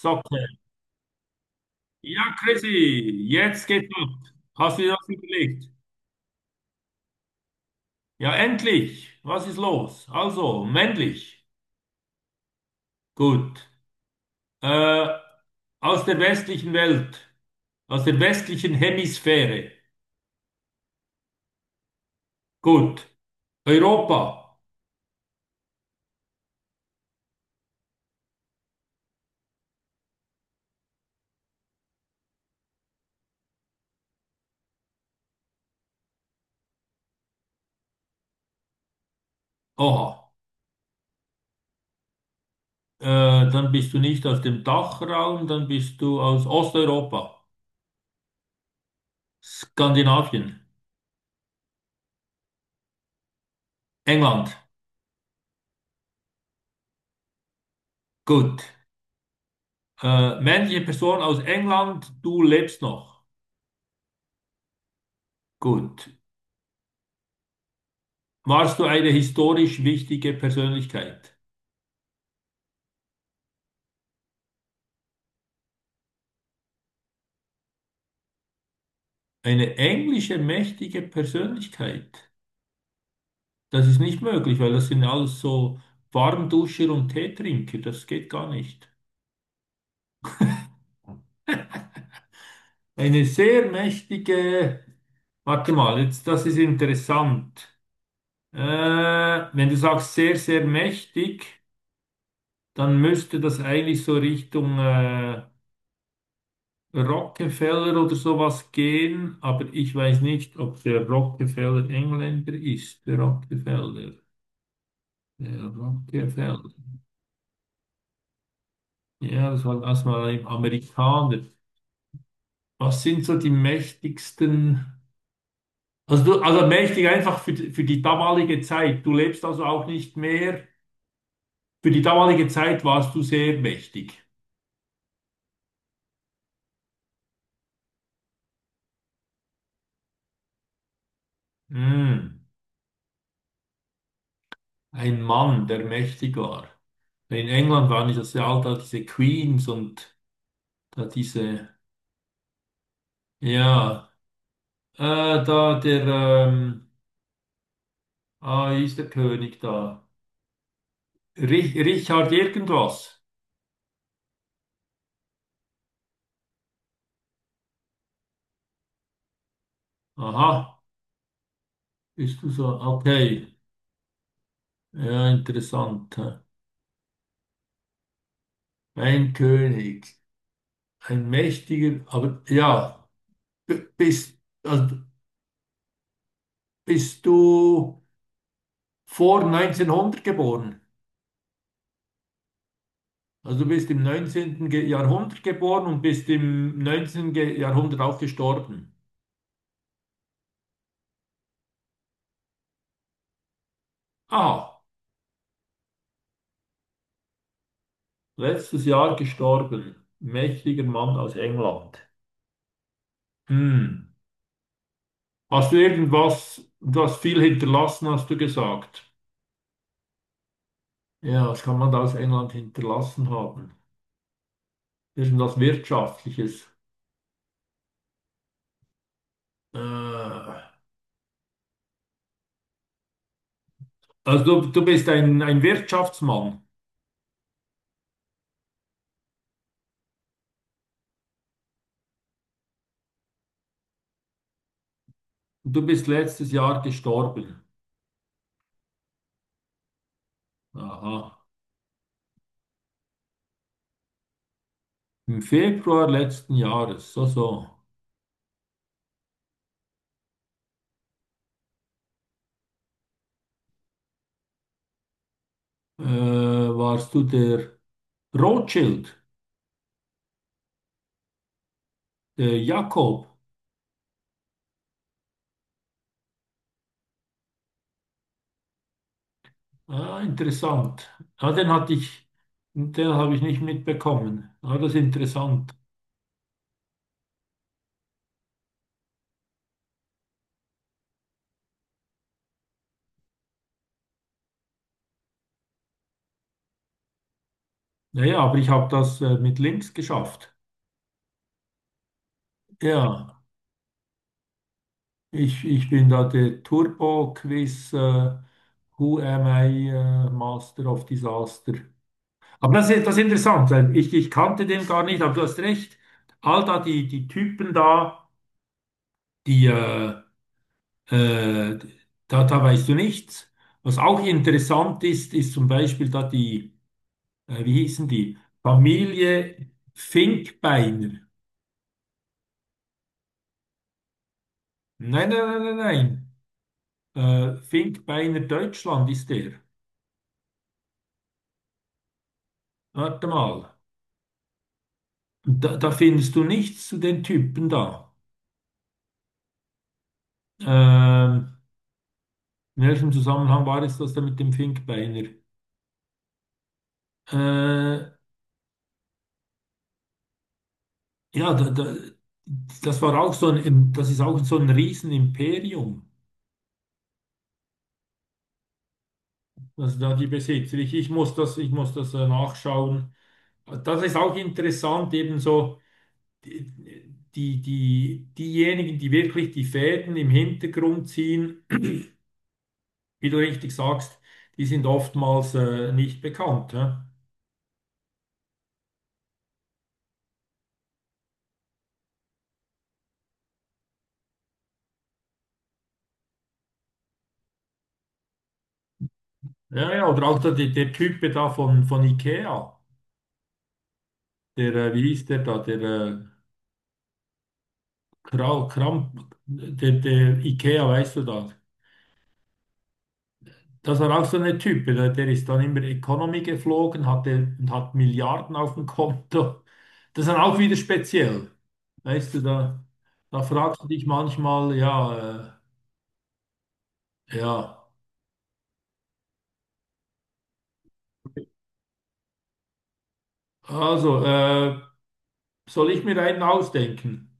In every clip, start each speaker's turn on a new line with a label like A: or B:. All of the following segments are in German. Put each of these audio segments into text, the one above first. A: Socke. Ja, Chrissy, jetzt geht's ab. Hast du dir das überlegt? Ja, endlich. Was ist los? Also, männlich. Gut. Äh, Aus der westlichen Welt. Aus der westlichen Hemisphäre. Gut. Europa. Oha. Äh, Dann bist du nicht aus dem Dachraum, dann bist du aus Osteuropa. Skandinavien. England. Gut. Männliche Person aus England, du lebst noch. Gut. Warst du eine historisch wichtige Persönlichkeit? Eine englische mächtige Persönlichkeit. Das ist nicht möglich, weil das sind alles so Warmduscher und Teetrinker. Das geht gar nicht. Eine sehr mächtige, warte mal, jetzt, das ist interessant. Äh, Wenn du sagst sehr, sehr mächtig, dann müsste das eigentlich so Richtung Rockefeller oder sowas gehen, aber ich weiß nicht, ob der Rockefeller Engländer ist, der Rockefeller. Der Rockefeller. Ja, das war erstmal ein Amerikaner. Was sind so die mächtigsten? Also, du, also mächtig einfach für, für die damalige Zeit. Du lebst also auch nicht mehr. Für die damalige Zeit warst du sehr mächtig. Hm. Ein Mann, der mächtig war. In England waren das ja all da diese Queens und da diese. Ja, da ähm, ah, wie ist der König da? Richard irgendwas. Aha, bist du so? Okay, ja, interessant. Hä? Ein König, ein mächtiger, aber ja, bist, also bist du vor 1900 geboren? Also du bist im 19. Jahrhundert geboren und bist im 19. Jahrhundert auch gestorben. Ah, letztes Jahr gestorben. Mächtiger Mann aus England. Hm. Hast du irgendwas, das viel hinterlassen, hast du gesagt? Ja, was kann man da aus England hinterlassen haben? Irgendwas Wirtschaftliches. Äh, also du bist ein Wirtschaftsmann. Du bist letztes Jahr gestorben. Aha. Im Februar letzten Jahres. So, so. Warst du der Rothschild, der Jakob? Ah, interessant. Ah, den hatte ich, den habe ich nicht mitbekommen. Ah, das ist interessant. Naja, aber ich habe das mit links geschafft. Ja, ich bin da der Turbo-Quiz, Who am I, Master of Disaster. Aber das ist interessant, weil ich kannte den gar nicht, aber du hast recht. All da die, die Typen da, die, äh, äh, da, da weißt du nichts. Was auch interessant ist, ist zum Beispiel da die, wie hießen die? Familie Finkbeiner. Nein, nein, nein, nein, nein. Finkbeiner Deutschland ist der. Warte mal. Da, da findest du nichts zu den Typen da. Ähm, in welchem Zusammenhang war es das da mit dem Finkbeiner? Äh, ja, da, da, das war auch so ein, das ist auch so ein Riesenimperium. Also da die Besitzer. Ich muss das nachschauen. Das ist auch interessant, ebenso die, die, diejenigen, die wirklich die Fäden im Hintergrund ziehen wie du richtig sagst, die sind oftmals nicht bekannt. Hä? Ja, ja, oder auch der, der Typ da von IKEA, der, wie hieß der da, der Kramp, der, der IKEA, weißt du das? Das war auch so ein Typ, der, der ist dann immer Economy geflogen, hatte und hat Milliarden auf dem Konto. Das ist dann auch wieder speziell. Weißt du, da, da fragst du dich manchmal, ja, ja, also, soll ich mir einen ausdenken?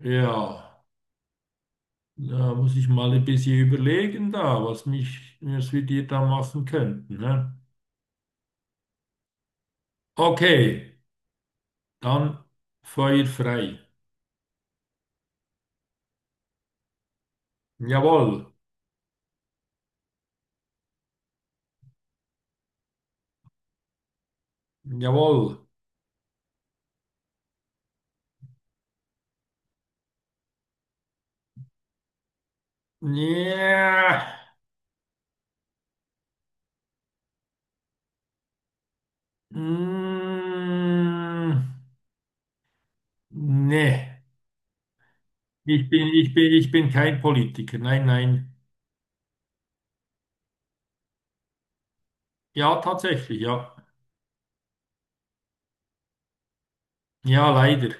A: Ja. Da muss ich mal ein bisschen überlegen da, was mich, was wir dir da machen könnten. Ne? Okay, dann Feuer frei. Jawohl, jawohl. Ja. Mm, nee, ich bin, ich bin, ich bin kein Politiker. Nein, nein. Ja, tatsächlich, ja. Ja, leider.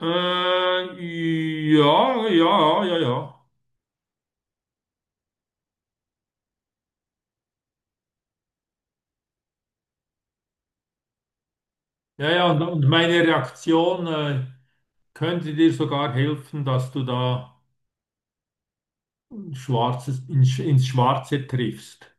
A: Äh, ja, ja, ja, ja. Ja, ja, ja, und meine Reaktion, könnte dir sogar helfen, dass du da Schwarzes, ins, ins Schwarze triffst.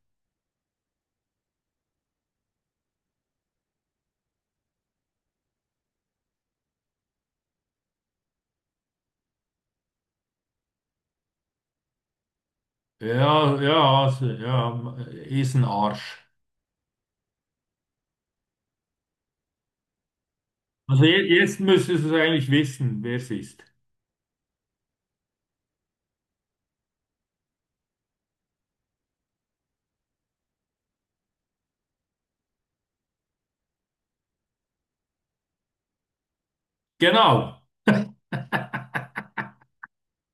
A: Ja, ja, also, ja, ist ein Arsch. Also jetzt müsstest du eigentlich wissen, wer es ist. Genau,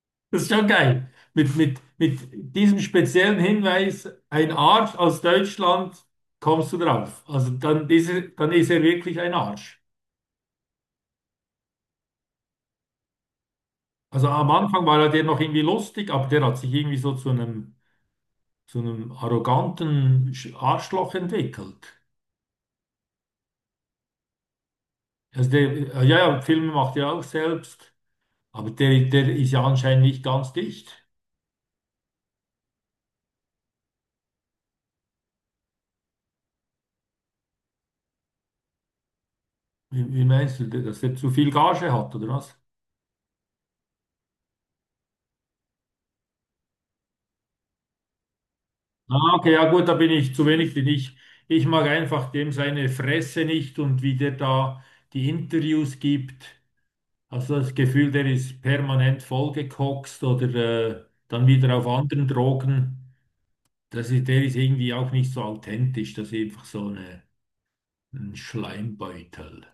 A: das ist schon geil. Mit diesem speziellen Hinweis, ein Arsch aus Deutschland, kommst du drauf. Also dann ist er wirklich ein Arsch. Also am Anfang war er der noch irgendwie lustig, aber der hat sich irgendwie so zu einem arroganten Arschloch entwickelt. Also der, ja, ja, Filme macht er auch selbst, aber der, der ist ja anscheinend nicht ganz dicht. Wie, wie meinst du, dass er zu viel Gage hat, oder was? Ah, okay, ja gut, da bin ich zu wenig, denn ich mag einfach dem seine Fresse nicht und wie der da die Interviews gibt. Also das Gefühl, der ist permanent vollgekokst oder dann wieder auf anderen Drogen. Das ist, der ist irgendwie auch nicht so authentisch, das ist einfach so eine, ein Schleimbeutel.